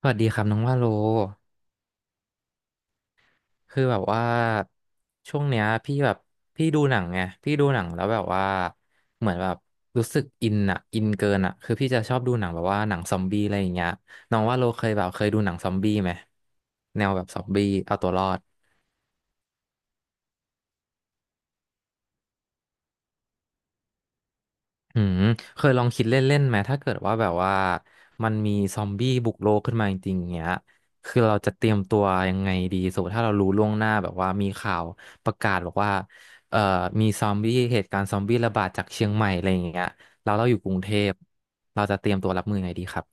สวัสดีครับน้องว่าโลคือแบบว่าช่วงเนี้ยพี่แบบพี่ดูหนังไงพี่ดูหนังแล้วแบบว่าเหมือนแบบรู้สึกอินอะอินเกินอะคือพี่จะชอบดูหนังแบบว่าหนังซอมบี้อะไรอย่างเงี้ยน้องว่าโลเคยแบบเคยดูหนังซอมบี้ไหมแนวแบบซอมบี้เอาตัวรอด อืมเคยลองคิดเล่นๆไหมถ้าเกิดว่าแบบว่ามันมีซอมบี้บุกโลกขึ้นมาจริงๆเงี้ยคือเราจะเตรียมตัวยังไงดีสมมติถ้าเรารู้ล่วงหน้าแบบว่ามีข่าวประกาศบอกว่าเอ่อมีซอมบี้เหตุการณ์ซอมบี้ระบาดจากเชียงใหม่อะไรอย่างเงี้ยเราเราอยู่กรุงเทพเราจะเตรียมตัวรับมือยังไงดีครับ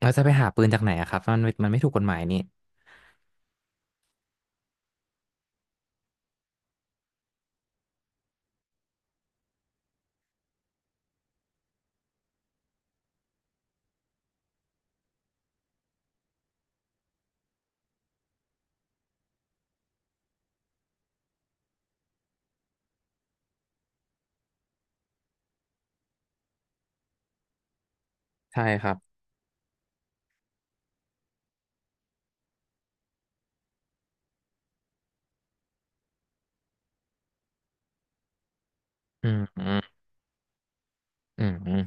เราจะไปหาปืนจากไหนอะครับมันมันไม่ถูกกฎหมายนี่ใช่ครับอืมอืมอืม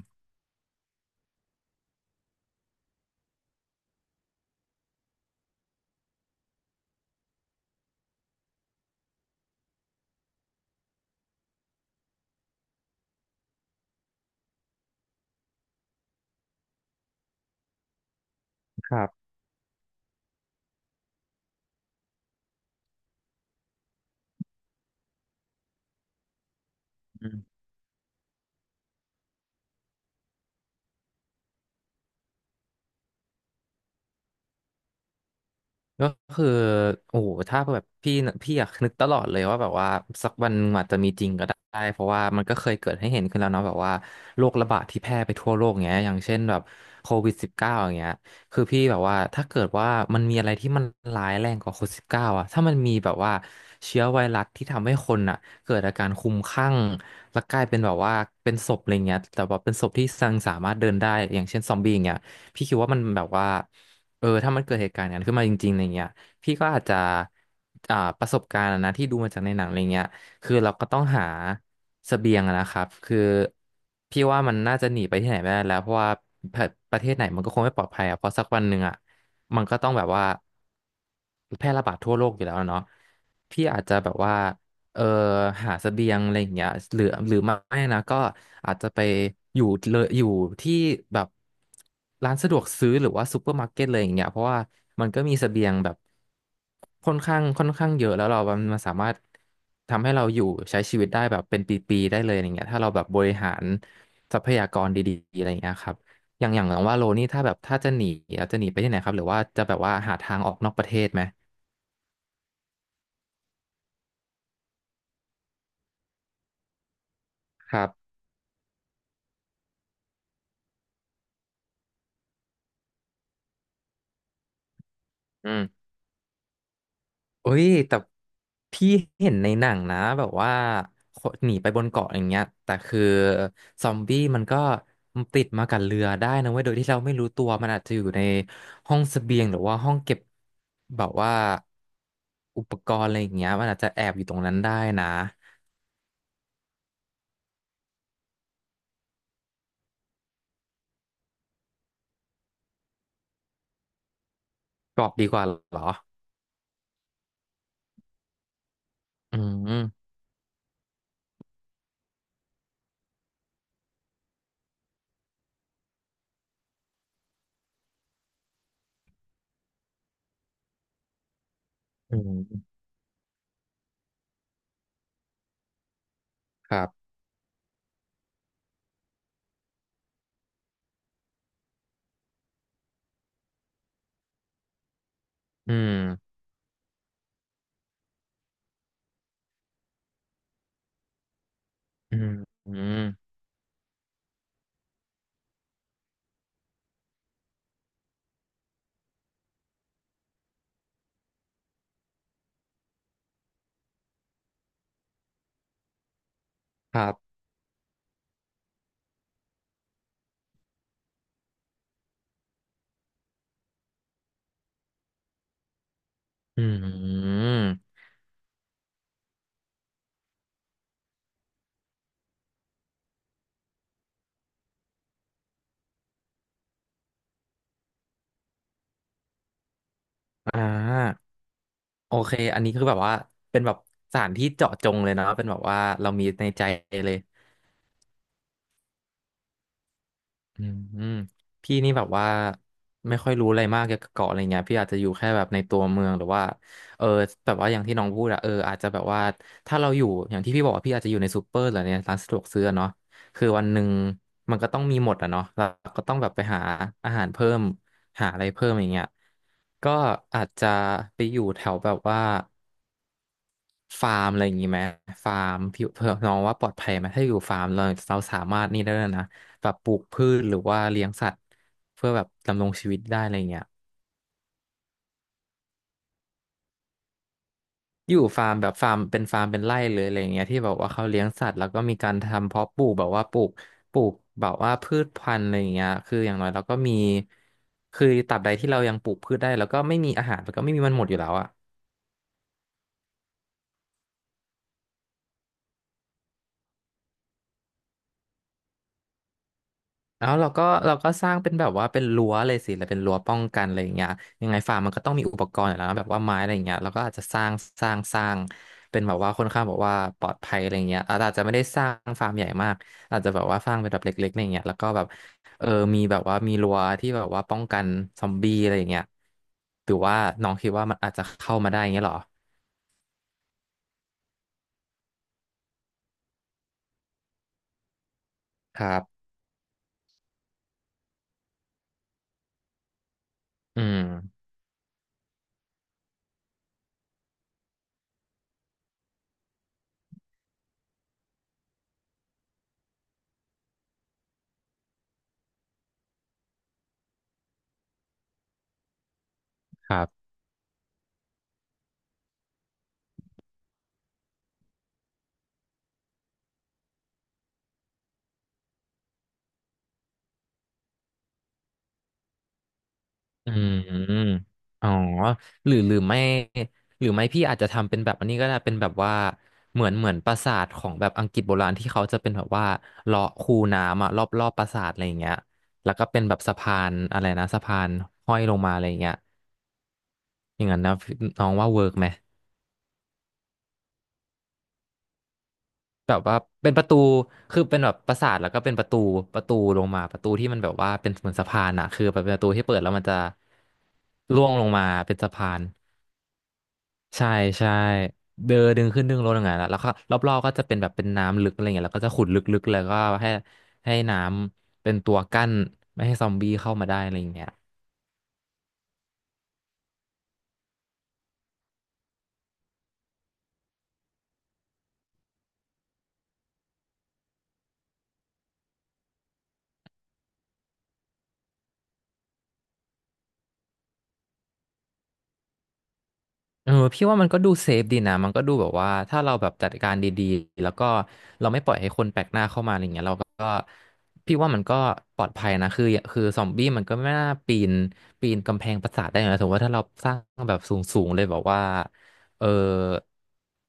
ครับ ก็คือโอ้โหถ้าแบบพี่นะพี่อยากนึกตลอดเลยว่าแบบว่าสักวันอาจจะมีจริงก็ได้เพราะว่ามันก็เคยเกิดให้เห็นขึ้นแล้วเนาะแบบว่าโรคระบาดที่แพร่ไปทั่วโลกเงี้ยอย่างเช่นแบบโควิดสิบเก้าอย่างเงี้ยคือพี่แบบว่าถ้าเกิดว่ามันมีอะไรที่มันร้ายแรงกว่าโควิดสิบเก้าอะถ้ามันมีแบบว่าเชื้อไวรัสที่ทำให้คนอะเกิดอาการคลุ้มคลั่งแล้วกลายเป็นแบบว่าเป็นศพอะไรเงี้ยแต่ว่าเป็นศพที่ยังสามารถเดินได้อย่างเช่นซอมบี้อย่างเงี้ยพี่คิดว่ามันแบบว่า เออถ้ามันเกิดเหตุการณ์นั้นขึ้นมาจริงๆอะไรเงี้ยพี่ก็อาจจะประสบการณ์อะนะที่ดูมาจากในหนังอะไรเงี้ยคือเราก็ต้องหาเสบียงอะนะครับคือพี่ว่ามันน่าจะหนีไปที่ไหนไม่ได้แล้วเพราะว่าประประเทศไหนมันก็คงไม่ปลอดภัยอะเพราะสักวันหนึ่งอะมันก็ต้องแบบว่าแพร่ระบาดทั่วโลกอยู่แล้วอะเนาะพี่อาจจะแบบว่า เอ่อหาเสบียงอะไรอย่างเงี้ยหรือไม่นะก็อาจจะไปอยู่เลยอยู่ที่แบบร้านสะดวกซื้อหรือว่าซูเปอร์มาร์เก็ตเลยอย่างเงี้ยเพราะว่ามันก็มีเสบียงแบบค่อนข้างเยอะแล้วเรามันสามารถทำให้เราอยู่ใช้ชีวิตได้แบบเป็นปีๆได้เลยอย่างเงี้ยถ้าเราแบบบริหารทรัพยากรดีๆอะไรอย่างเงี้ยครับอย่างว่าโลนี่ถ้าแบบถ้าจะหนีไปที่ไหนครับหรือว่าจะแบบว่าหาทางออกนอกประเทศไหมครับอืม เอ้ยแต่พี่เห็นในหนังนะแบบว่าคนหนีไปบนเกาะอย่างเงี้ยแต่คือซอมบี้มันก็ติดมากับเรือได้นะเว้ยโดยที่เราไม่รู้ตัวมันอาจจะอยู่ในห้องเสบียงหรือว่าห้องเก็บแบบว่าอุปกรณ์อะไรอย่างเงี้ยมันอาจจะแอบอยู่ตรงนั้นได้นะเกาะดีกว่าเหรออืมอืมครับอืมอืมอืมครับอืมอ่า โอเคอันนี้คือแบบว่าเป็นแบบสถานที่เจาะจงเลยเนาะเป็นแบบว่าเรามีในใจเลยอืมอืมพี่นี่แบบว่าไม่ค่อยรู้อะไรมากเกี่ยวกับเกาะอะไรเงี้ยพี่อาจจะอยู่แค่แบบในตัวเมืองหรือว่าเออแบบว่าอย่างที่น้องพูดอะเอออาจจะแบบว่าถ้าเราอยู่อย่างที่พี่บอกว่าพี่อาจจะอยู่ในซูเปอร์หรือในร้านสะดวกซื้ออะเนาะคือวันหนึ่งมันก็ต้องมีหมดอะเนาะเราก็ต้องแบบไปหาอาหารเพิ่มหาอะไรเพิ่มอย่างเงี้ยก็อาจจะไปอยู่แถวแบบว่า ฟาร์มอะไรอย่างงี้ไหมฟาร์มพี่เพื่อน้องว่าปลอดภัยไหมถ้าอยู่ฟาร์มเราเราสามารถนี่ได้แล้วยนะแบบปลูกพืชหรือว่าเลี้ยงสัตว์เพื่อแบบดำรงชีวิตได้อะไรเงี้ยอยู่ฟาร์มแบบฟาร์มเป็นฟาร์มเป็นไร่เลยอะไรอย่างเงี้ยที่แบบว่าเขาเลี้ยงสัตว์แล้วก็มีการทำเพาะปลูกแบบว่าปลูกแบบว่าพืชพันธุ์อะไรอย่างเงี้ยคืออย่างน้อยเราก็มีคือตราบใดที่เรายังปลูกพืชได้แล้วก็ไม่มีอาหารมันก็ไม่มีมันหมดอยู่แล้วอะ แล้วเราก็สร้างเป็นแบบว่าเป็นรั้วเลยสิแล้วเป็นรั้วป้องกันอะไรอย่างเงี้ยยังไงฟาร์มมันก็ต้องมีอุปกรณ์อยู่แล้วนะแบบว่าไม้อะไรอย่างเงี้ยเราก็อาจจะสร้างเป็นแบบว่าค่อนข้างแบบว่าปลอดภัยอะไรอย่างเงี้ยอาจจะไม่ได้สร้างฟาร์มใหญ่มากอาจจะแบบว่าสร้างเป็นแบบเล็กๆอะไรอย่างเงี้ยแล้วก็แบบเออมีแบบว่ามีรั้วที่แบบว่าป้องกันซอมบี้อะไรอย่างเงี้ยหรือว่าน้องคิดว่ามันอาจจะเข้ามาได้อย่างเงี้ยเหรอครับอืมครับ อืมอ๋อหรือหรือไม่หรือไม่พี่อาจจะทำเป็นแบบอันนี้ก็ได้เป็นแบบว่าเหมือนปราสาทของแบบอังกฤษโบราณที่เขาจะเป็นแบบว่าเลาะคูน้ำอะรอบปราสาทอะไรอย่างเงี้ยแล้วก็เป็นแบบสะพานอะไรนะสะพานห้อยลงมาอะไรอย่างเงี้ยอย่างนั้นนะน้องว่าเวิร์กไหมแบบว่าเป็นประตูคือเป็นแบบปราสาทแล้วก็เป็นประตูลงมาประตูที่มันแบบว่าเป็นเหมือนสะพานอะคือแบบเป็นประตูที่เปิดแล้วมันจะร่วงลงมาเป็นสะพาน ใช่ใช่เดินดึงขึ้นดึงลงอย่างเงี้ยแล้วก็รอบๆก็จะเป็นแบบเป็นน้ำลึกอะไรเงี้ยแล้วก็จะขุดลึกๆแล้วก็ให้ให้น้ำเป็นตัวกั้นไม่ให้ซอมบี้เข้ามาได้อะไรอย่างเงี้ย เออพี่ว่ามันก็ดูเซฟดีนะมันก็ดูแบบว่าถ้าเราแบบจัดการดีๆแล้วก็เราไม่ปล่อยให้คนแปลกหน้าเข้ามาอะไรเงี้ยเราก็พี่ว่ามันก็ปลอดภัยนะคือซอมบี้มันก็ไม่น่าปีนกำแพงปราสาทได้นะสมมติว่าถ้าเราสร้างแบบสูงๆเลยแบบว่าเออ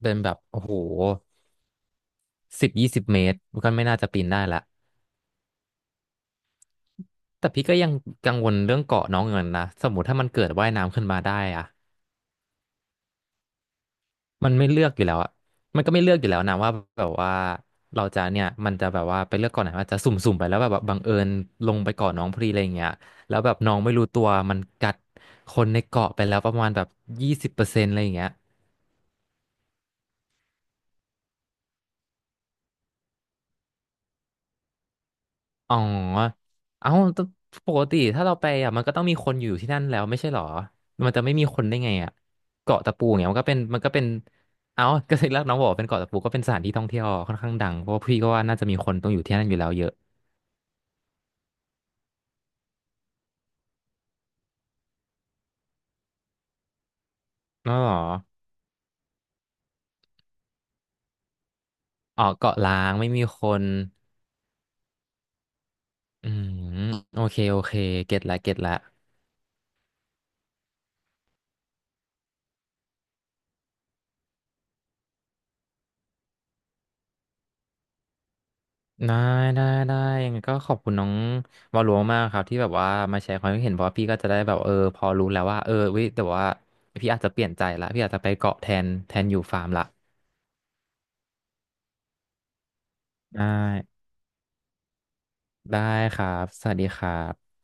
เป็นแบบโอ้โห10-20 เมตรมันก็ไม่น่าจะปีนได้ละแต่พี่ก็ยังกังวลเรื่องเกาะน้องเงินนะสมมติถ้ามันเกิดว่ายน้ำขึ้นมาได้อะ มันไม่เลือกอยู่แล้วอะมันก็ไม่เลือกอยู่แล้วนะว่าแบบว่าเราจะเนี่ยมันจะแบบว่าไปเลือกก่อนไหนว่าจะสุ่มๆไปแล้วแบบว่าบังเอิญลงไปก่อนน้องพอดีอะไรอย่างเงี้ยแล้วแบบน้องไม่รู้ตัวมันกัดคนในเกาะไปแล้วประมาณแบบ20%อะไรอย่างเงี้ยอ๋อเอ้าแต่ปกติถ้าเราไปอ่ะมันก็ต้องมีคนอยู่ที่นั่นแล้วไม่ใช่เหรอมันจะไม่มีคนได้ไงอ่ะเกาะตะปูอย่างเงี้ยมันก็เป็นมันก็เป็นเอ้าก็เลยรักน้องบอกว่าเป็นเกาะตะปูก็เป็นสถานที่ท่องเที่ยวค่อนข้างดังเพราะว่าพี่ก็ว่าน่าจะมีคนต้องอยู่ที่นั่นอยู่แล้วเยอะอ๋อเหรอ ออกเกาะล้างไม่มีคนอืมโอเคโอเคเก็ตละเก็ตละได้ได้ได้ยังไงก็ขอบคุณน้องวาลลมมากครับที่แบบว่ามาแชร์ความคิดเห็นเพราะว่าพี่ก็จะได้แบบเออพอรู้แล้วว่าเออเว้ยแต่ว่าพี่อาจจะเปลี่ยนใจละพี่อาจจะไปเกาะแทนอยู่ฟาร์มละได้ได้ครับสวัสดีครับ